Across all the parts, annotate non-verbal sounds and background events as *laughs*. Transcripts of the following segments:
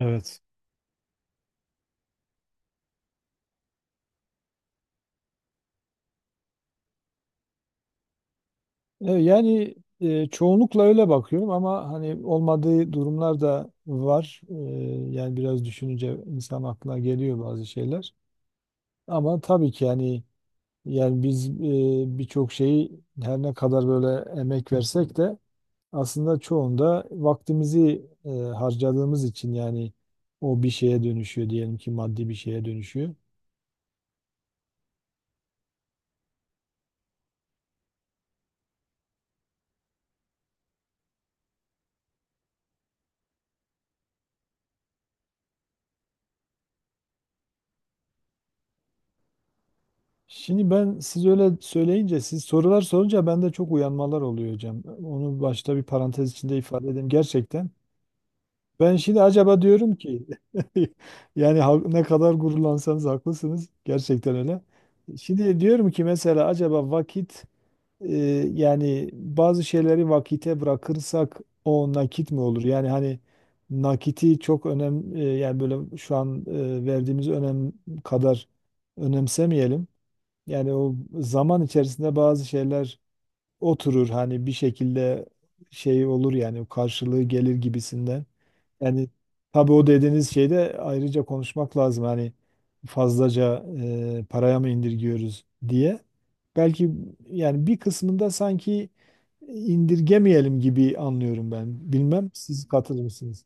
Evet. Yani çoğunlukla öyle bakıyorum ama hani olmadığı durumlar da var. Yani biraz düşününce insan aklına geliyor bazı şeyler. Ama tabii ki yani biz birçok şeyi, her ne kadar böyle emek versek de aslında çoğunda vaktimizi harcadığımız için, yani o bir şeye dönüşüyor, diyelim ki maddi bir şeye dönüşüyor. Şimdi ben, siz öyle söyleyince, siz sorular sorunca, bende çok uyanmalar oluyor hocam. Onu başta bir parantez içinde ifade edeyim. Gerçekten. Ben şimdi acaba diyorum ki, *laughs* yani ne kadar gururlansanız haklısınız, gerçekten öyle. Şimdi diyorum ki mesela acaba vakit, e, yani bazı şeyleri vakite bırakırsak o nakit mi olur? Yani hani nakiti çok önem, yani böyle şu an verdiğimiz önem kadar önemsemeyelim. Yani o, zaman içerisinde bazı şeyler oturur, hani bir şekilde şey olur, yani karşılığı gelir gibisinden. Yani tabii o dediğiniz şeyde ayrıca konuşmak lazım. Hani fazlaca paraya mı indirgiyoruz diye. Belki, yani bir kısmında sanki indirgemeyelim gibi anlıyorum ben. Bilmem, siz katılır mısınız?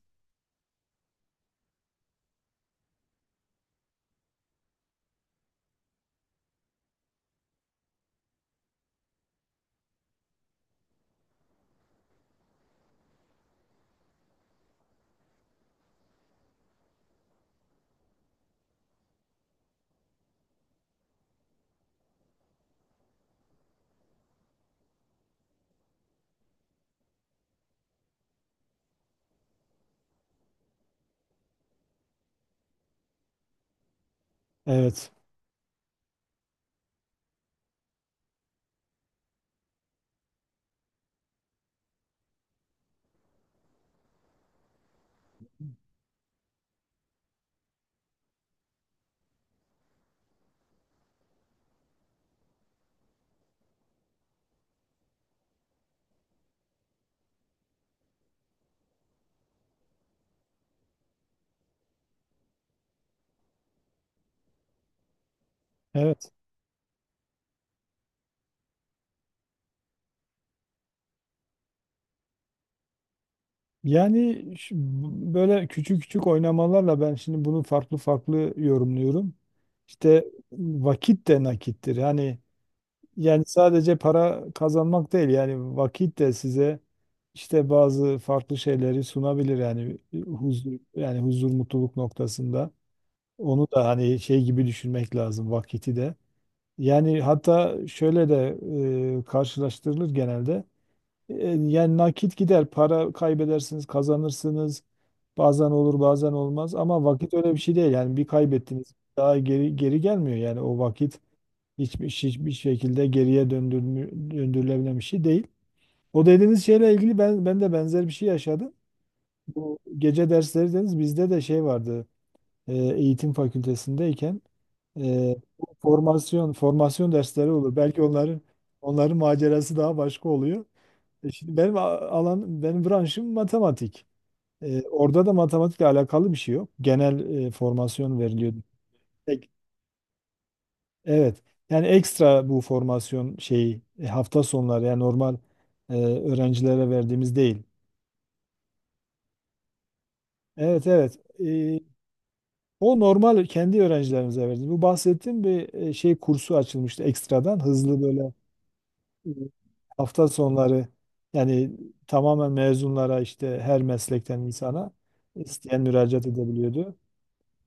Evet. Evet. Yani böyle küçük küçük oynamalarla ben şimdi bunu farklı farklı yorumluyorum. İşte vakit de nakittir. Yani sadece para kazanmak değil, yani vakit de size işte bazı farklı şeyleri sunabilir, yani huzur, yani huzur, mutluluk noktasında. Onu da hani şey gibi düşünmek lazım, vakiti de. Yani hatta şöyle de karşılaştırılır genelde. E, Yani nakit gider, para kaybedersiniz, kazanırsınız. Bazen olur, bazen olmaz, ama vakit öyle bir şey değil. Yani bir kaybettiniz, daha geri geri gelmiyor. Yani o vakit hiçbir şekilde geriye döndürülebilen bir şey değil. O dediğiniz şeyle ilgili ben de benzer bir şey yaşadım. Bu gece dersleri dediniz, bizde de şey vardı. Eğitim fakültesindeyken bu formasyon dersleri olur. Belki onların macerası daha başka oluyor. Şimdi benim alan, benim branşım matematik. Orada da matematikle alakalı bir şey yok. Genel formasyon veriliyor. Tek- evet. Yani ekstra bu formasyon şeyi, hafta sonları, yani normal öğrencilere verdiğimiz değil. Evet, evet. E, o normal kendi öğrencilerimize verdiğimiz. Bu bahsettiğim bir şey kursu açılmıştı, ekstradan, hızlı, böyle e, hafta sonları, yani tamamen mezunlara, işte her meslekten insana, isteyen müracaat edebiliyordu.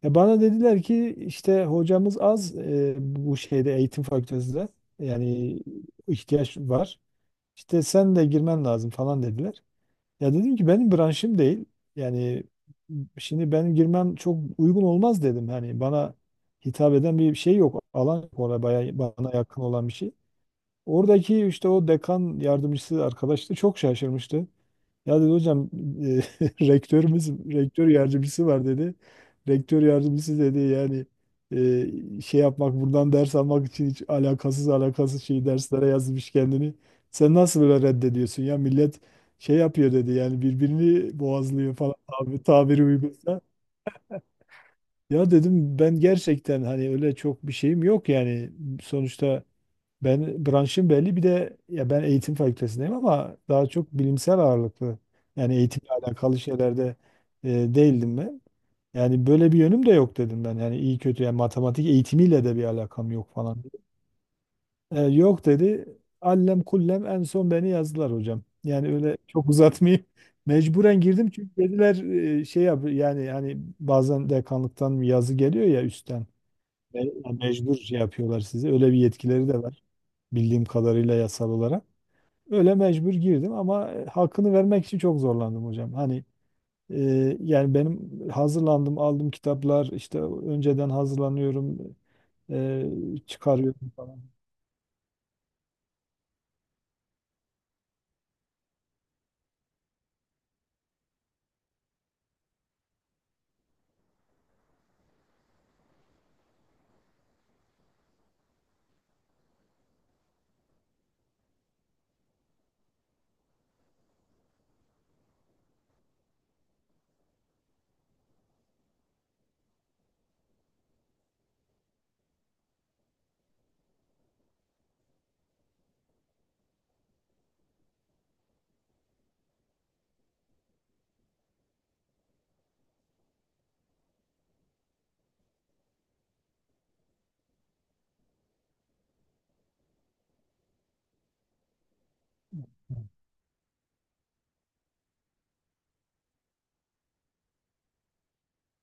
Ya bana dediler ki işte hocamız, az bu şeyde, eğitim fakültesinde yani ihtiyaç var. İşte sen de girmen lazım falan dediler. Ya dedim ki benim branşım değil. Yani şimdi benim girmem çok uygun olmaz dedim. Hani bana hitap eden bir şey yok. Alan yok orada bayağı bana yakın olan bir şey. Oradaki işte o dekan yardımcısı arkadaş da çok şaşırmıştı. Ya dedi hocam, e, *laughs* rektörümüz, rektör yardımcısı var dedi. Rektör yardımcısı dedi yani, şey yapmak, buradan ders almak için, hiç alakasız şey derslere yazmış kendini. Sen nasıl böyle reddediyorsun ya, millet şey yapıyor dedi, yani birbirini boğazlıyor falan, abi tabiri uygunsa. Ya dedim, ben gerçekten hani öyle çok bir şeyim yok yani, sonuçta ben, branşım belli, bir de ya ben eğitim fakültesindeyim ama daha çok bilimsel ağırlıklı, yani eğitimle alakalı şeylerde e, değildim ben. Yani böyle bir yönüm de yok dedim ben. Yani iyi kötü, yani matematik eğitimiyle de bir alakam yok falan. Yok dedi. Allem kullem, en son beni yazdılar hocam. Yani öyle çok uzatmayayım. *laughs* Mecburen girdim, çünkü dediler şey yap, yani hani bazen dekanlıktan yazı geliyor ya üstten. Mecbur şey yapıyorlar sizi. Öyle bir yetkileri de var bildiğim kadarıyla yasal olarak. Öyle mecbur girdim, ama hakkını vermek için çok zorlandım hocam. Hani yani benim, hazırlandım, aldım kitaplar, işte önceden hazırlanıyorum, e, çıkarıyorum falan.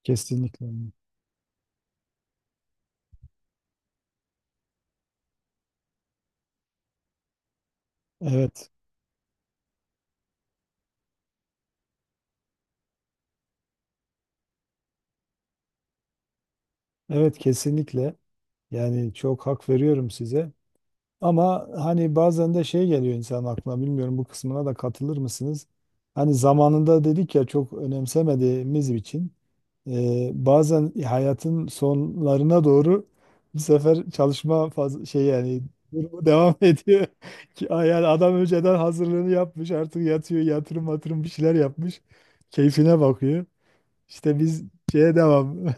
Kesinlikle. Evet. Evet, kesinlikle. Yani çok hak veriyorum size. Ama hani bazen de şey geliyor insan aklına, bilmiyorum, bu kısmına da katılır mısınız? Hani zamanında dedik ya çok önemsemediğimiz için. Bazen hayatın sonlarına doğru bu sefer çalışma, şey yani, durumu devam *laughs* ediyor. Yani adam önceden hazırlığını yapmış, artık yatıyor, yatırım matırım bir şeyler yapmış. Keyfine bakıyor. İşte biz şeye devam. *laughs*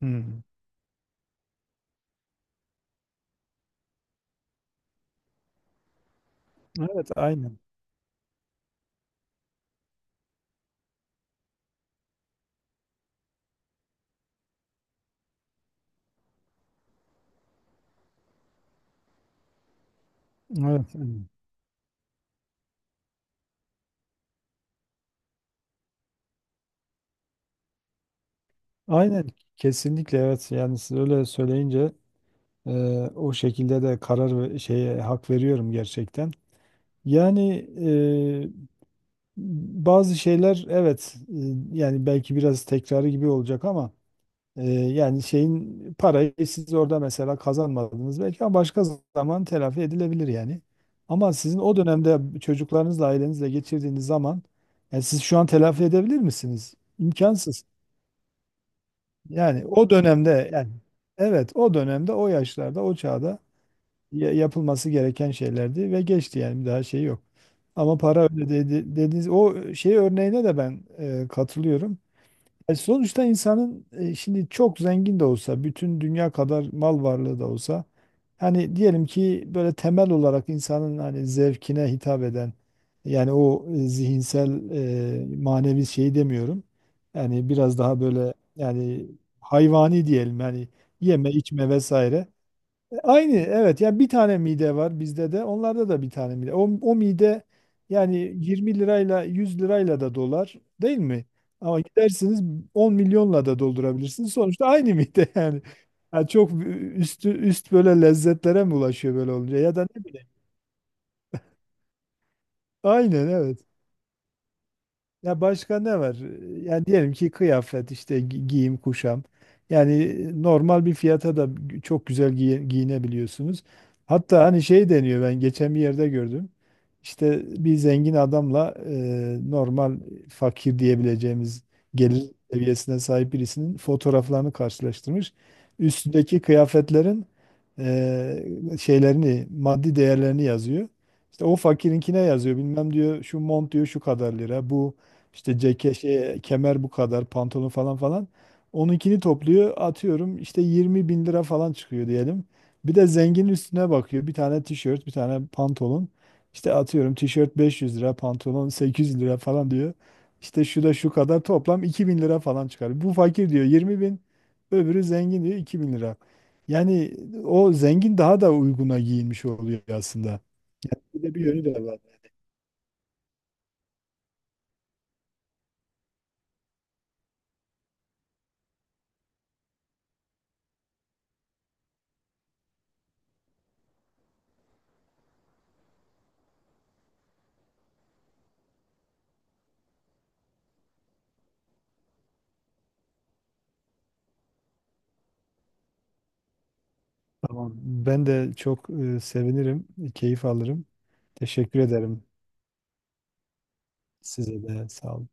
Hmm. Evet, aynen. Evet. Aynen. Aynen, kesinlikle evet, yani siz öyle söyleyince e, o şekilde de karar ve şeye hak veriyorum gerçekten. Yani bazı şeyler, evet, yani belki biraz tekrarı gibi olacak ama yani şeyin, parayı siz orada mesela kazanmadınız belki ama başka zaman telafi edilebilir yani. Ama sizin o dönemde çocuklarınızla, ailenizle geçirdiğiniz zaman, yani siz şu an telafi edebilir misiniz? İmkansız. Yani o dönemde, yani evet, o dönemde, o yaşlarda, o çağda yapılması gereken şeylerdi ve geçti yani, bir daha şey yok. Ama para öyle dedi, dediğiniz o şey örneğine de ben katılıyorum. Sonuçta insanın, şimdi çok zengin de olsa, bütün dünya kadar mal varlığı da olsa, hani diyelim ki böyle temel olarak insanın hani zevkine hitap eden, yani o zihinsel, manevi şeyi demiyorum. Yani biraz daha böyle, yani hayvani diyelim yani, yeme içme vesaire. Aynı, evet, yani bir tane mide var bizde de, onlarda da bir tane mide. O mide yani, 20 lirayla, 100 lirayla da dolar değil mi? Ama gidersiniz, 10 milyonla da doldurabilirsiniz. Sonuçta aynı mide, *laughs* yani. Yani çok üst, böyle lezzetlere mi ulaşıyor böyle olunca, ya da ne bileyim. Aynen, evet. Ya başka ne var? Yani diyelim ki kıyafet, işte giyim kuşam. Yani normal bir fiyata da çok güzel giyinebiliyorsunuz. Hatta hani şey deniyor, ben geçen bir yerde gördüm. İşte bir zengin adamla, normal fakir diyebileceğimiz gelir seviyesine sahip birisinin fotoğraflarını karşılaştırmış. Üstündeki kıyafetlerin şeylerini, maddi değerlerini yazıyor. İşte o fakirinkine yazıyor. Bilmem diyor, şu mont diyor şu kadar lira. Bu işte ceket şey, kemer bu kadar, pantolon falan falan. Onunkini topluyor, atıyorum işte 20 bin lira falan çıkıyor diyelim. Bir de zengin üstüne bakıyor. Bir tane tişört, bir tane pantolon. İşte atıyorum, tişört 500 lira, pantolon 800 lira falan diyor. İşte şu da şu kadar, toplam 2000 lira falan çıkar. Bu fakir diyor 20 bin, öbürü zengin diyor 2000 lira. Yani o zengin daha da uyguna giyinmiş oluyor aslında. Bir de bir yönü de var. Tamam. Ben de çok sevinirim, keyif alırım. Teşekkür ederim size de. Sağ olun.